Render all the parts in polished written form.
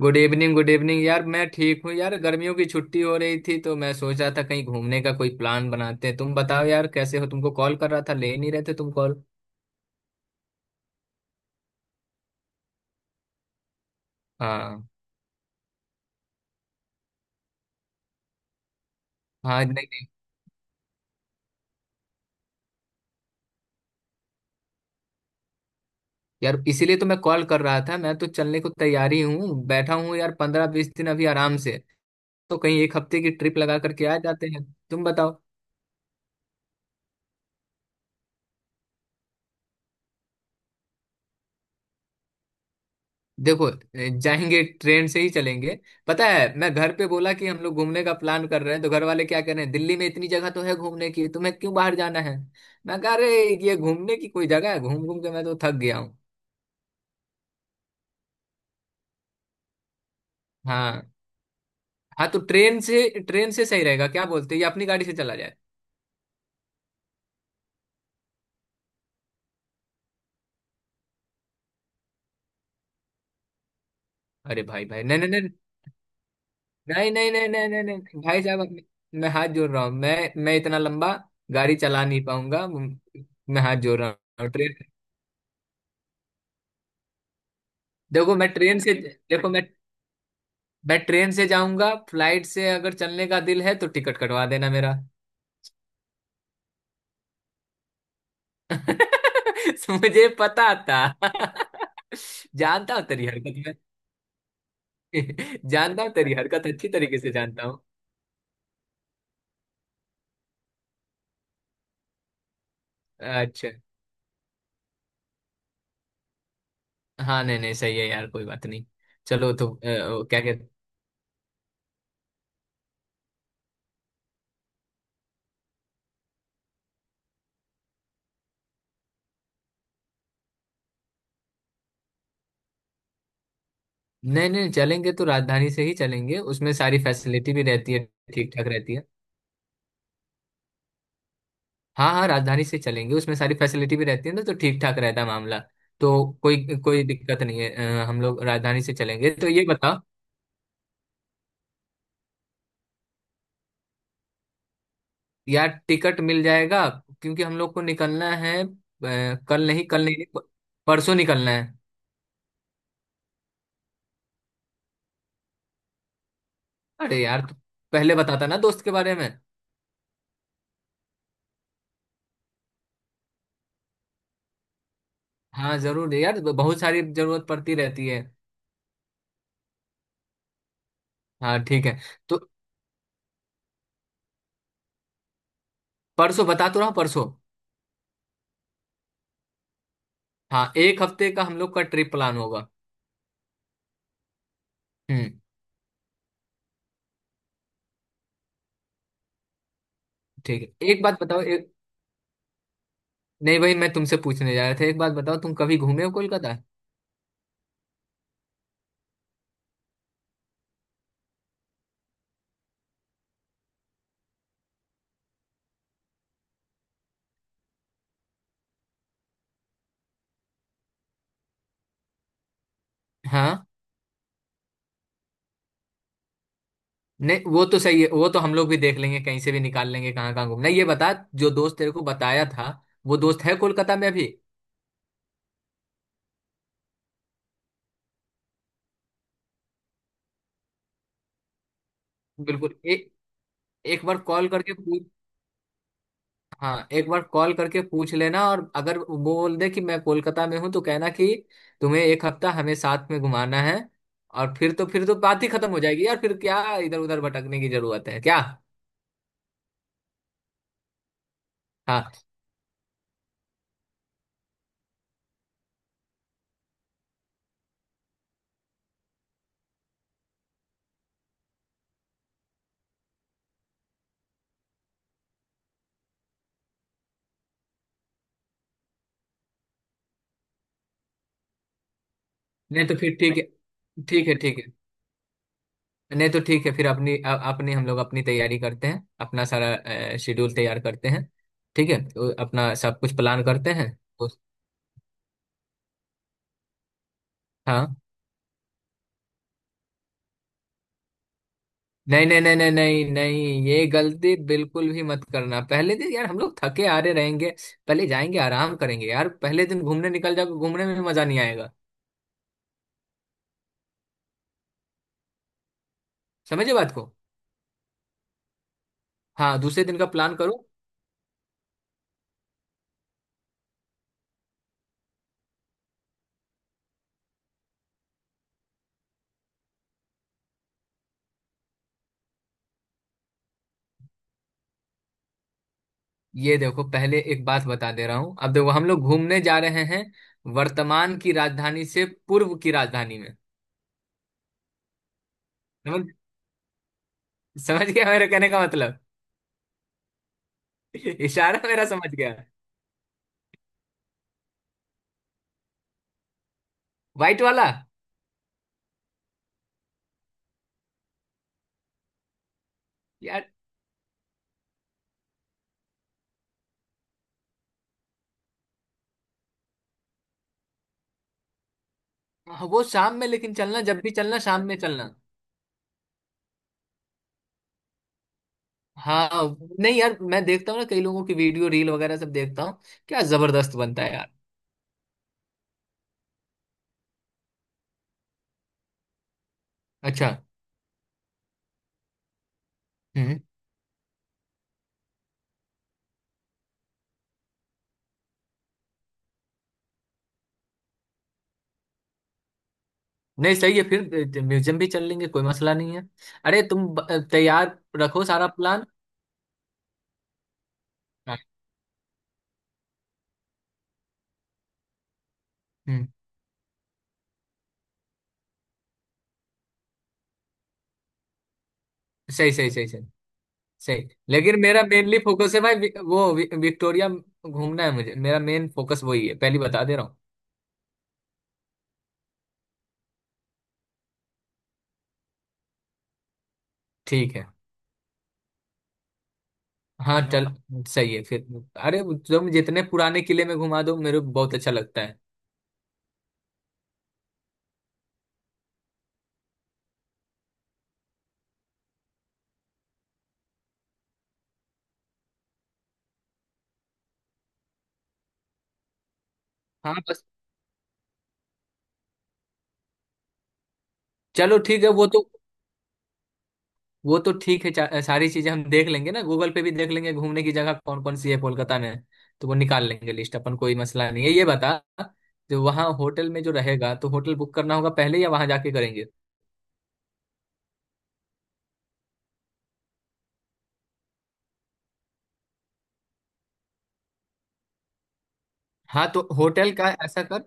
Good evening, good evening यार, मैं ठीक हूँ यार। गर्मियों की छुट्टी हो रही थी तो मैं सोच रहा था कहीं घूमने का कोई प्लान बनाते हैं। तुम बताओ यार, कैसे हो? तुमको कॉल कर रहा था, ले नहीं रहे थे तुम कॉल। हाँ। हाँ, नहीं नहीं, यार इसीलिए तो मैं कॉल कर रहा था। मैं तो चलने को तैयारी हूँ, बैठा हूँ यार, 15-20 दिन अभी आराम से। तो कहीं एक हफ्ते की ट्रिप लगा करके आ जाते हैं। तुम बताओ। देखो, जाएंगे ट्रेन से ही चलेंगे। पता है, मैं घर पे बोला कि हम लोग घूमने का प्लान कर रहे हैं, तो घर वाले क्या कह रहे हैं, दिल्ली में इतनी जगह तो है घूमने की, तुम्हें क्यों बाहर जाना है। मैं कह रहे ये घूमने की कोई जगह है? घूम घूम के मैं तो थक गया हूँ। हाँ। हाँ तो ट्रेन से, ट्रेन से सही रहेगा, क्या बोलते हैं, या अपनी गाड़ी से चला जाए? अरे भाई भाई, नहीं नहीं नहीं नहीं नहीं नहीं नहीं नहीं नहीं, भाई साहब, मैं हाथ जोड़ रहा हूँ। मैं इतना लंबा गाड़ी चला नहीं पाऊंगा। मैं हाथ जोड़ रहा हूँ। ट्रेन। देखो मैं ट्रेन से, देखो मैं ट्रेन से जाऊंगा। फ्लाइट से अगर चलने का दिल है तो टिकट कटवा देना मेरा। मुझे पता था। जानता हूँ तेरी हरकत। मैं जानता हूँ तेरी हरकत, अच्छी तरीके से जानता हूँ। अच्छा। हाँ, नहीं नहीं, सही है यार, कोई बात नहीं। चलो तो क्या कहते। नहीं नहीं, चलेंगे तो राजधानी से ही चलेंगे, उसमें सारी फैसिलिटी भी रहती है। ठीक ठाक रहती है। हाँ हाँ, राजधानी से चलेंगे, उसमें सारी फैसिलिटी भी रहती है ना, तो ठीक ठाक रहता है मामला। तो कोई कोई दिक्कत नहीं है। हम लोग राजधानी से चलेंगे, तो ये बताओ, यार टिकट मिल जाएगा? क्योंकि हम लोग को निकलना है। कल नहीं, कल नहीं, परसों निकलना है। अरे यार तू पहले बताता ना दोस्त के बारे में। हाँ जरूर यार, बहुत सारी जरूरत पड़ती रहती है। हाँ ठीक है। तो परसों बता तो रहा हूँ, परसों। हाँ, एक हफ्ते का हम लोग का ट्रिप प्लान होगा। हम्म। ठीक है, एक बात बताओ। नहीं भाई, मैं तुमसे पूछने जा रहा था, एक बात बताओ, तुम कभी घूमे हो कोलकाता? हाँ। नहीं, वो तो सही है, वो तो हम लोग भी देख लेंगे, कहीं से भी निकाल लेंगे कहाँ कहाँ घूमना है। ये बता, जो दोस्त तेरे को बताया था, वो दोस्त है कोलकाता में अभी? बिल्कुल, एक, एक बार कॉल करके पूछ। हाँ एक बार कॉल करके पूछ लेना, और अगर वो बोल दे कि मैं कोलकाता में हूँ तो कहना कि तुम्हें एक हफ्ता हमें साथ में घुमाना है। और फिर तो, फिर तो बात ही खत्म हो जाएगी यार, फिर क्या इधर उधर भटकने की जरूरत है क्या? हाँ। नहीं तो फिर ठीक है, ठीक है ठीक है। नहीं तो ठीक है, फिर अपनी अपनी, हम लोग अपनी तैयारी करते हैं, अपना सारा शेड्यूल तैयार करते हैं। ठीक है, तो अपना सब कुछ प्लान करते हैं। तो हाँ, नहीं नहीं नहीं नहीं नहीं नहीं, ये गलती बिल्कुल भी मत करना, पहले दिन यार हम लोग थके हारे रहेंगे। पहले जाएंगे आराम करेंगे यार, पहले दिन घूमने निकल जाओगे, घूमने में भी मजा नहीं आएगा। समझे बात को। हाँ, दूसरे दिन का प्लान करो। ये देखो, पहले एक बात बता दे रहा हूँ, अब देखो, हम लोग घूमने जा रहे हैं वर्तमान की राजधानी से पूर्व की राजधानी में। समझ गया मेरे कहने का मतलब? इशारा मेरा समझ गया। व्हाइट वाला? यार, हाँ, वो शाम में, लेकिन चलना जब भी चलना शाम में चलना। हाँ। नहीं यार, मैं देखता हूँ ना, कई लोगों की वीडियो रील वगैरह सब देखता हूँ। क्या जबरदस्त बनता है यार। अच्छा। हम्म। नहीं, सही है, फिर म्यूजियम भी चल लेंगे, कोई मसला नहीं है। अरे तुम तैयार रखो सारा प्लान। हाँ। हम्म। सही सही सही सही। सही, लेकिन मेरा मेनली फोकस है भाई, विक्टोरिया घूमना है मुझे, मेरा मेन फोकस वही है, पहली बता दे रहा हूँ। ठीक है। हाँ है ना। चल सही है फिर। अरे तुम जितने पुराने किले में घुमा दो मेरे को बहुत अच्छा लगता है। हाँ बस। चलो ठीक है वो तो, वो तो ठीक है, सारी चीजें हम देख लेंगे ना, गूगल पे भी देख लेंगे घूमने की जगह कौन कौन सी है कोलकाता में। तो वो निकाल लेंगे लिस्ट अपन, कोई मसला नहीं है। ये बता, जो वहाँ होटल में जो रहेगा, तो होटल बुक करना होगा पहले या वहाँ जाके करेंगे? हाँ तो होटल का ऐसा कर।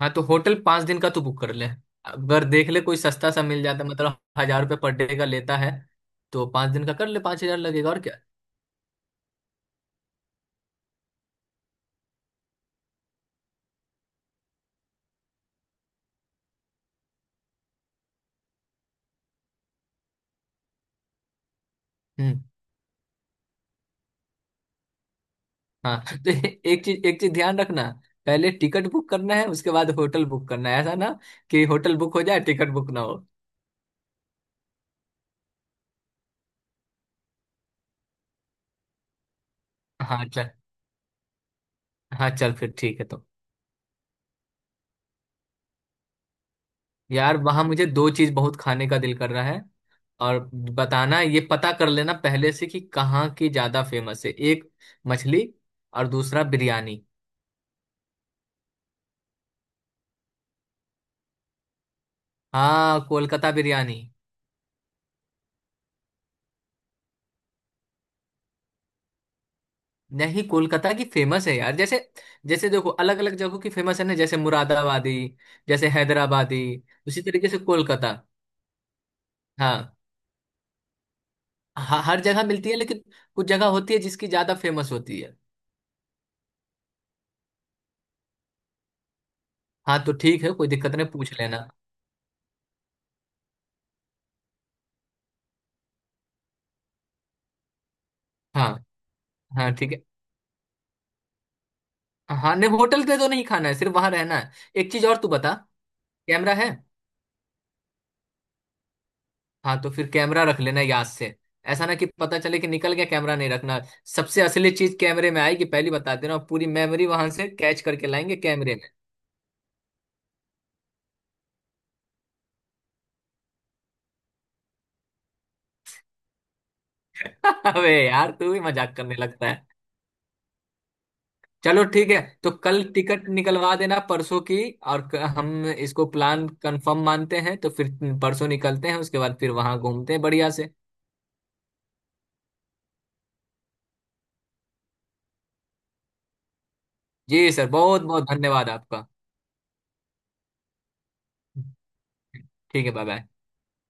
हाँ तो होटल 5 दिन का तू बुक कर ले। अगर देख ले कोई सस्ता सा मिल जाता, मतलब 1,000 रुपये पर डे का लेता है, तो 5 दिन का कर ले, 5,000 लगेगा और क्या। हम्म। हाँ। तो एक चीज, एक चीज ध्यान रखना, पहले टिकट बुक करना है, उसके बाद होटल बुक करना है, ऐसा ना कि होटल बुक हो जाए टिकट बुक ना हो। हाँ चल। हाँ चल फिर ठीक है तो। यार वहाँ मुझे दो चीज बहुत खाने का दिल कर रहा है, और बताना, ये पता कर लेना पहले से कि कहाँ की ज्यादा फेमस है। एक, मछली, और दूसरा, बिरयानी। हाँ, कोलकाता बिरयानी। नहीं, कोलकाता की फेमस है यार, जैसे, जैसे देखो अलग अलग जगहों की फेमस है ना, जैसे मुरादाबादी, जैसे हैदराबादी, उसी तरीके से कोलकाता। हाँ। हर जगह मिलती है, लेकिन कुछ जगह होती है जिसकी ज्यादा फेमस होती है। हाँ तो ठीक है, कोई दिक्कत नहीं, पूछ लेना। हाँ हाँ ठीक है। हाँ नहीं, होटल पे तो नहीं खाना है, सिर्फ वहां रहना है। एक चीज और तू बता, कैमरा है? हाँ तो फिर कैमरा रख लेना याद से, ऐसा ना कि पता चले कि निकल गया, कैमरा नहीं रखना। सबसे असली चीज कैमरे में आएगी, पहली बता दे रहा हूँ, पूरी मेमोरी वहां से कैच करके लाएंगे कैमरे। अबे यार तू भी मजाक करने लगता है। चलो ठीक है, तो कल टिकट निकलवा देना परसों की, और हम इसको प्लान कंफर्म मानते हैं, तो फिर परसों निकलते हैं, उसके बाद फिर वहां घूमते हैं बढ़िया से। जी सर, बहुत बहुत धन्यवाद आपका। ठीक है, बाय बाय।